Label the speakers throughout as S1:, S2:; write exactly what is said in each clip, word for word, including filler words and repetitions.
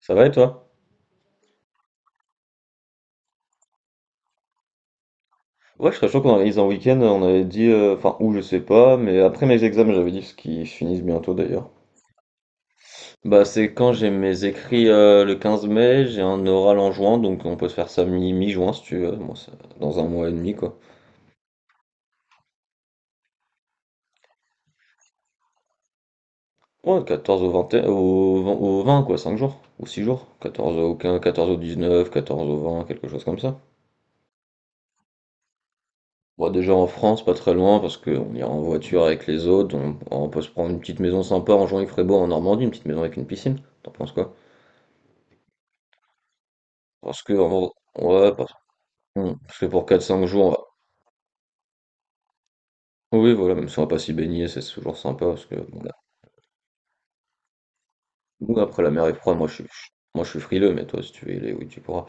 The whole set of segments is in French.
S1: Ça va et toi? Ouais, je serais chaud qu'on organise un week-end, on avait dit, euh, enfin, où je sais pas, mais après mes examens, j'avais dit, parce qu'ils finissent bientôt d'ailleurs. Bah, c'est quand j'ai mes écrits euh, le quinze mai, j'ai un oral en juin, donc on peut se faire ça mi- mi-juin si tu veux, moi, ça- dans un mois et demi quoi. Ouais, quatorze au vingt, au vingt, au vingt, quoi, cinq jours, ou six jours. quatorze au quinze, quatorze au dix-neuf, quatorze au vingt, quelque chose comme ça. Bon, déjà en France, pas très loin, parce qu'on ira en voiture avec les autres, on, on peut se prendre une petite maison sympa en Jean-Yves Frébault en Normandie, une petite maison avec une piscine. T'en penses quoi? Parce que, en- ouais, parce, hmm, parce que pour quatre cinq jours, on va- oui, voilà, même si on va pas s'y baigner, c'est toujours sympa, parce que, bon, là- ou après la mer est froide, moi je suis, je- moi je suis frileux, mais toi, si tu veux y aller, oui, tu pourras.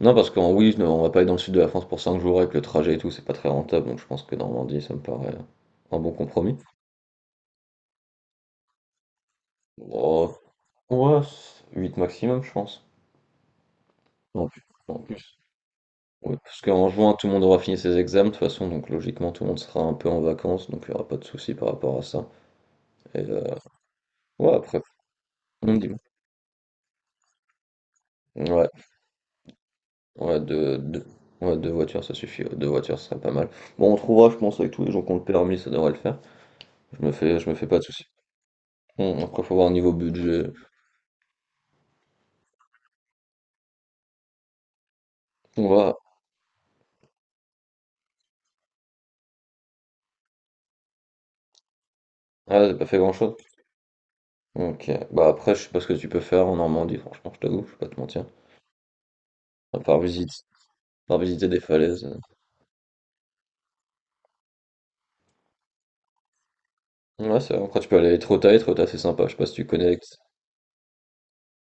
S1: Non, parce qu'en oui, non, on va pas aller dans le sud de la France pour cinq jours avec le trajet et tout, c'est pas très rentable, donc je pense que Normandie, ça me paraît un bon compromis. Oh, ouais, huit maximum, je pense. En plus. En plus. Ouais, parce qu'en juin, tout le monde aura fini ses examens, de toute façon, donc logiquement, tout le monde sera un peu en vacances, donc il n'y aura pas de souci par rapport à ça. Et, euh, ouais, après, on dit. Ouais, ouais, deux, deux, ouais, deux voitures, ça suffit. ouais, Deux voitures, ce serait pas mal. Bon, on trouvera, je pense, avec tous les gens qui ont le permis, ça devrait le faire. Je me fais, je me fais pas de soucis. Hum, après, faut voir niveau budget. On va. Ah, t'as pas fait grand-chose. Ok. Bah après, je sais pas ce que tu peux faire en Normandie, franchement, je t'avoue, je vais pas te mentir. À part visite, à part visiter des falaises. euh. Ouais, c'est vrai. Après, tu peux aller à Etretat, Etretat, c'est sympa. Je sais pas si tu connais.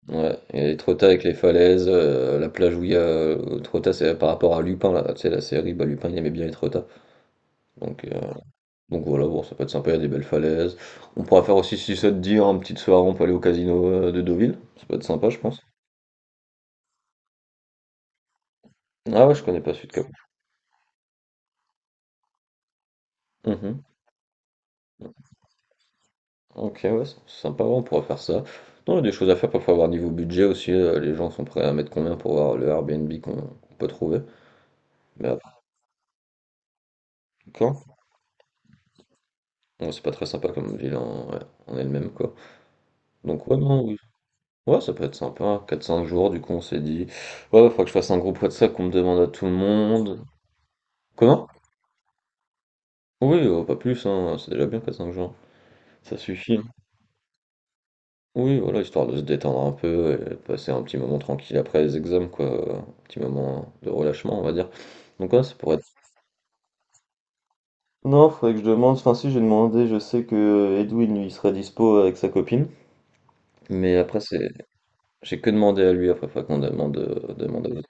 S1: Ouais, il y a Etretat avec les falaises, euh, la plage où il y a euh, Etretat, c'est par rapport à Lupin, là. Tu sais, la série, bah Lupin, il aimait bien Etretat. Donc, euh, Donc voilà, bon, ça peut être sympa, il y a des belles falaises. On pourra faire aussi, si ça te dit, hein, petite soirée, on peut aller au casino euh, de Deauville. Ça peut être sympa, je pense. Ah ouais, je connais pas sud cap. Mhm. Ok, ouais, c'est sympa, ouais, on pourra faire ça. Non, il y a des choses à faire, parfois, voir niveau budget aussi. Euh, les gens sont prêts à mettre combien pour voir le Airbnb qu'on qu'on peut trouver. Mais après, quand? Ouais, c'est pas très sympa comme ville en, ouais, en elle-même, quoi. Donc ouais, non, oui. Ouais, ça peut être sympa. Quatre cinq jours, du coup, on s'est dit. Ouais, il faudra que je fasse un groupe WhatsApp qu'on me demande à tout le monde. Comment? Oui, heu, pas plus, hein, c'est déjà bien, quatre cinq jours. Ça suffit, hein. Oui, voilà, histoire de se détendre un peu et de passer un petit moment tranquille après les examens, quoi, heu, un petit moment de relâchement, on va dire. Donc ouais, ça pourrait être non, faudrait que je demande, enfin si, j'ai demandé, je sais que Edwin, lui, il serait dispo avec sa copine, mais après c'est j'ai que demandé à lui, après faudrait qu'on demande, heu, demande aux autres.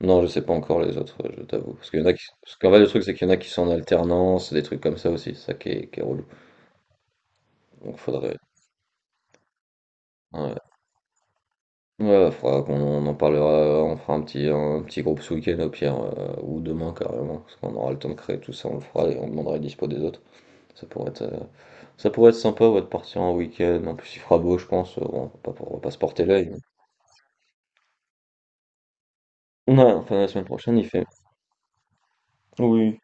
S1: Non, je sais pas encore les autres, ouais, je t'avoue, parce qu'il y en a qui parce qu'en fait, le truc, c'est qu'il y en a qui sont en alternance, des trucs comme ça aussi, c'est ça qui est qui est relou. Donc faudrait ouais. Ouais, bah, faudra qu'on on en parlera, euh, on fera un petit, un petit groupe ce week-end au pire, euh, ou demain carrément, parce qu'on aura le temps de créer tout ça, on le fera et on demandera les dispo des autres. Ça pourrait être, euh, Ça pourrait être sympa ouais, de partir en week-end, en plus il fera beau je pense, euh, bon, on va pas, on va pas se porter l'œil. mais- Ouais, enfin la semaine prochaine il fait... Oui.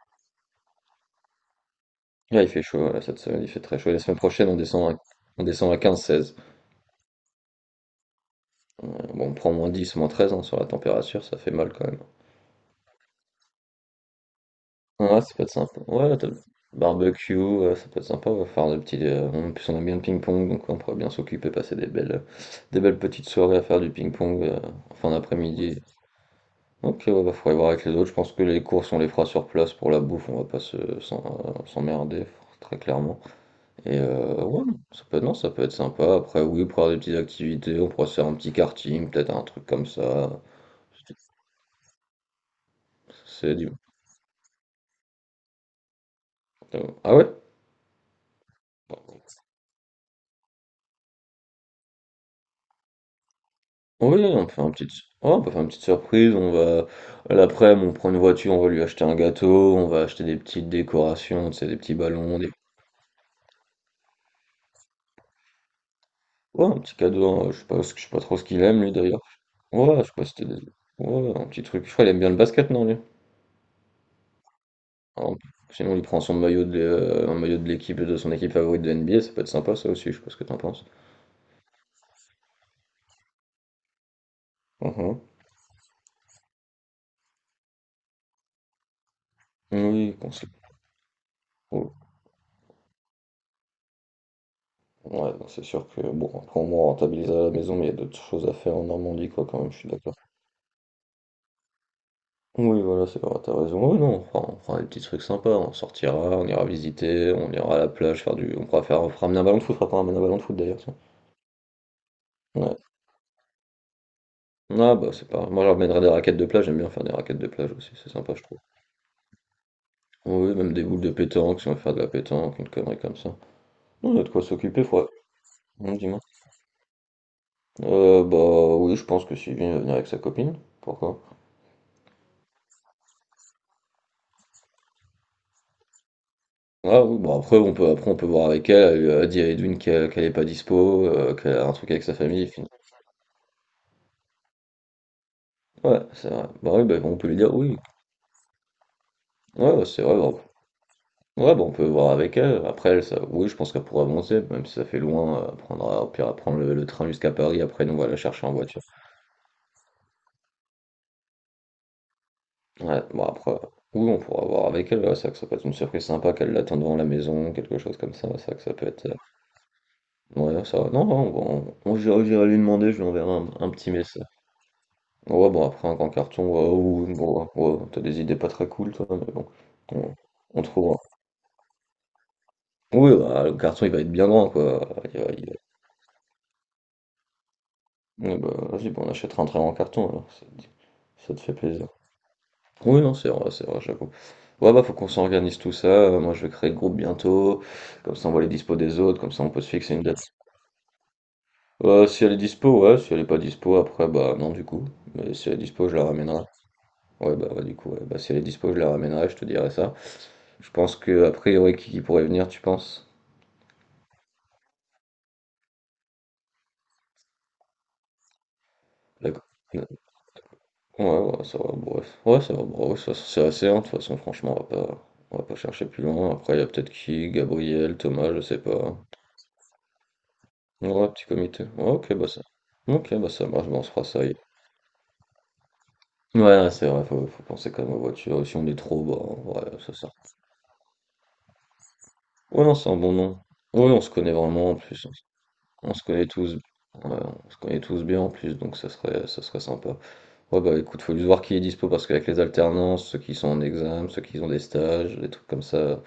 S1: Là il fait chaud, là, cette semaine il fait très chaud, et la semaine prochaine on descend à, on descend à quinze seize. Euh, Bon, on prend moins dix, moins treize hein, sur la température, ça fait mal quand même. Ouais, ça peut être sympa. Ouais, t'as- barbecue, euh, ça peut être sympa, ouais, faire des petits. Euh, en plus, on aime bien le ping-pong, donc on pourrait bien s'occuper, passer des belles, des belles petites soirées à faire du ping-pong, euh, en fin, oui, d'après-midi. Ok, ouais, bah, faudrait voir avec les autres. Je pense que les courses, on les fera sur place pour la bouffe, on va pas se, s'en- euh, s'emmerder, très clairement. Et euh, ouais, ça peut, non, ça peut être sympa. Après, oui, pour avoir des petites activités, on pourrait se faire un petit karting, peut-être un truc comme ça. C'est du. euh, Ah ouais? Oui, on peut faire une petite, ouais, on peut faire une petite surprise. On va, l'après-midi, on prend une voiture, on va lui acheter un gâteau, on va acheter des petites décorations, tu sais, des petits ballons, des, ouais, un petit cadeau. Hein, je sais pas, ce que- je sais pas trop ce qu'il aime lui d'ailleurs. Ouais, je sais pas si c'était des... Ouais, un petit truc. Je crois qu'il aime bien le basket, non lui? Alors, sinon, il prend son maillot de, l'é- euh, un maillot de l'équipe de son équipe favorite de N B A. Ça peut être sympa, ça aussi. Je sais pas ce que t'en penses. Mhm. Oui, qu'on se- oh, Ouais, non, c'est sûr que bon, après au moins on rentabilise à la maison, mais il y a d'autres choses à faire en Normandie, quoi, quand même. Je suis d'accord. Oui, voilà, c'est vrai, t'as raison. Oui, non, on fera, on fera des petits trucs sympas, on sortira, on ira visiter, on ira à la plage, faire du. On pourra faire, on fera ramener un ballon de foot, on fera pas ramener un ballon de foot d'ailleurs, tiens. Ouais. Ah bah c'est pas. Moi je ramènerai des raquettes de plage, j'aime bien faire des raquettes de plage aussi, c'est sympa je trouve. Oui, même des boules de pétanque, si on veut faire de la pétanque, une connerie comme ça. Non, on a de quoi s'occuper, faut. Non, dis-moi. Euh, bah oui, je pense que Sylvie va venir avec sa copine. Pourquoi? Ah oui, bon après on peut après on peut voir avec elle, elle, elle dit à Edwin qu'elle qu'elle est pas dispo, euh, qu'elle a un truc avec sa famille. Ouais, c'est vrai. Bah oui, bah, on peut lui dire oui. Ouais, ouais, c'est vrai. Bah, ouais, bah, on peut voir avec elle. Après, elle, ça, oui, je pense qu'elle pourra avancer, même si ça fait loin. euh, Elle prendra, au pire, elle prend le, le train jusqu'à Paris. Après, nous, on va la chercher en voiture. Ouais, bon, après, oui, on pourra voir avec elle. Ouais, c'est vrai que ça peut être une surprise sympa qu'elle l'attende devant la maison, quelque chose comme ça. C'est vrai que ça peut être. euh, Ouais, ça va. Non, non, bon, on, on- j'irai j'irai lui demander, je lui enverrai un, un petit message. Ouais, bon, après, un grand carton, ouais, ouais, ouais, ouais, t'as des idées pas très cool, toi, mais bon, on, on trouvera. Oui, bah, le carton il va être bien grand quoi. Il va- il va- Ouais, bah, vas-y, bah, on achètera un très grand carton alors, ça te, ça te fait plaisir. Oui, non, c'est vrai, c'est vrai, j'avoue. Ouais, bah, faut qu'on s'organise tout ça. Euh, Moi, je vais créer le groupe bientôt. Comme ça, on voit les dispos des autres. Comme ça, on peut se fixer une date. Euh, si elle est dispo, ouais. Si elle est pas dispo, après, bah, non, du coup. Mais si elle est dispo, je la ramènerai. Ouais, bah, ouais, du coup, ouais. Bah, si elle est dispo, je la ramènerai, je te dirai ça. Je pense que, a priori, qui qui pourrait venir, tu penses? D'accord. Ouais, ouais, ça va, bref. Ouais, ça va, bref, ça, c'est assez, hein, de toute façon, franchement, on va pas, on va pas chercher plus loin. Après, il y a peut-être qui, Gabriel, Thomas, je sais pas. Ouais, petit comité. Ouais, ok, bah ça. Ok, bah ça marche, bah on se fera ça. Hier. Ouais, ouais, c'est vrai, faut, faut penser quand même aux voitures. Et si on est trop, bah, ouais, ça sert. Ouais, non, c'est un bon nom. Ouais, on se connaît vraiment, en plus. On, on se connaît tous. Ouais, on se connaît tous bien, en plus, donc ça serait, ça serait sympa. Ouais, bah écoute, faut juste voir qui est dispo, parce qu'avec les alternances, ceux qui sont en examen, ceux qui ont des stages, des trucs comme ça.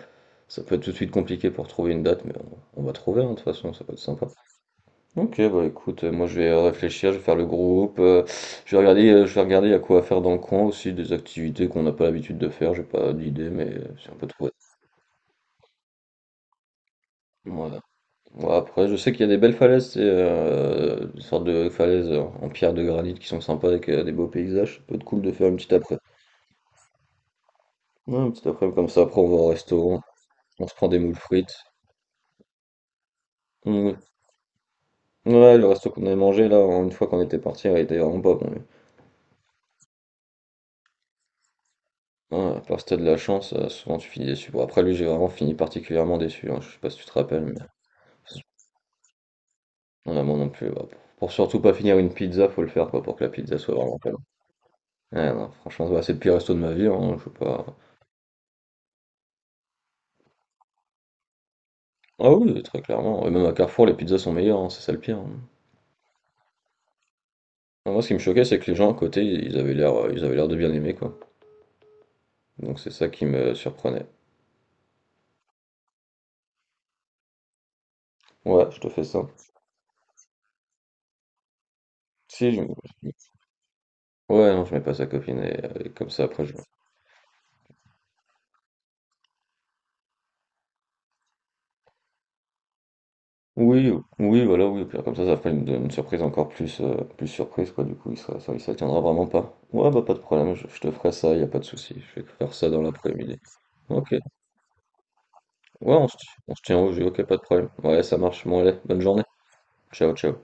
S1: Ça peut être tout de suite compliqué pour trouver une date, mais on, on va trouver, hein, de toute façon, ça peut être sympa. Ok, bah écoute, euh, moi je vais euh, réfléchir, je vais faire le groupe, euh, je vais regarder, euh, je vais regarder il y a quoi à faire dans le coin aussi, des activités qu'on n'a pas l'habitude de faire, j'ai pas d'idée, mais euh, si on peut trouver. Voilà. Bon, après, je sais qu'il y a des belles falaises, c'est euh, des sortes de falaises euh, en pierre de granit qui sont sympas avec euh, des beaux paysages, ça peut être cool de faire une petite après. Ouais, une petite après comme ça, après on va au restaurant, on se prend des moules frites. Mm. Ouais, le resto qu'on avait mangé là, une fois qu'on était parti, il était vraiment pas bon. lui. Ouais, à part si t'as de la chance, heu, souvent tu finis déçu. Bon après lui j'ai vraiment fini particulièrement déçu, hein, je sais pas si tu te rappelles mais non, moi non plus, bah, pour pour surtout pas finir une pizza, faut le faire quoi, pour que la pizza soit vraiment bonne. Ouais, non, franchement, bah, c'est le pire resto de ma vie, hein, je sais pas ah oui, oui, très clairement, et même à Carrefour les pizzas sont meilleures, hein, c'est ça le pire, hein. Non, moi ce qui me choquait c'est que les gens à côté ils avaient l'air, heu, ils avaient l'air de bien aimer quoi, donc c'est ça qui me surprenait. Ouais, je te fais ça. Si je Ouais, non, je mets pas sa copine et euh, et comme ça après je. Oui, oui, voilà, oui, au pire comme ça, ça ferait une, une surprise encore plus, euh, plus surprise, quoi, du coup, il sera, ça, il s'attiendra vraiment pas. Ouais, bah pas de problème, je, je te ferai ça, y a pas de souci, je vais te faire ça dans l'après-midi. Ok, ouais, on se, on se tient au jeu, ok, pas de problème. Ouais, ça marche, bon, allez, bonne journée, ciao, ciao.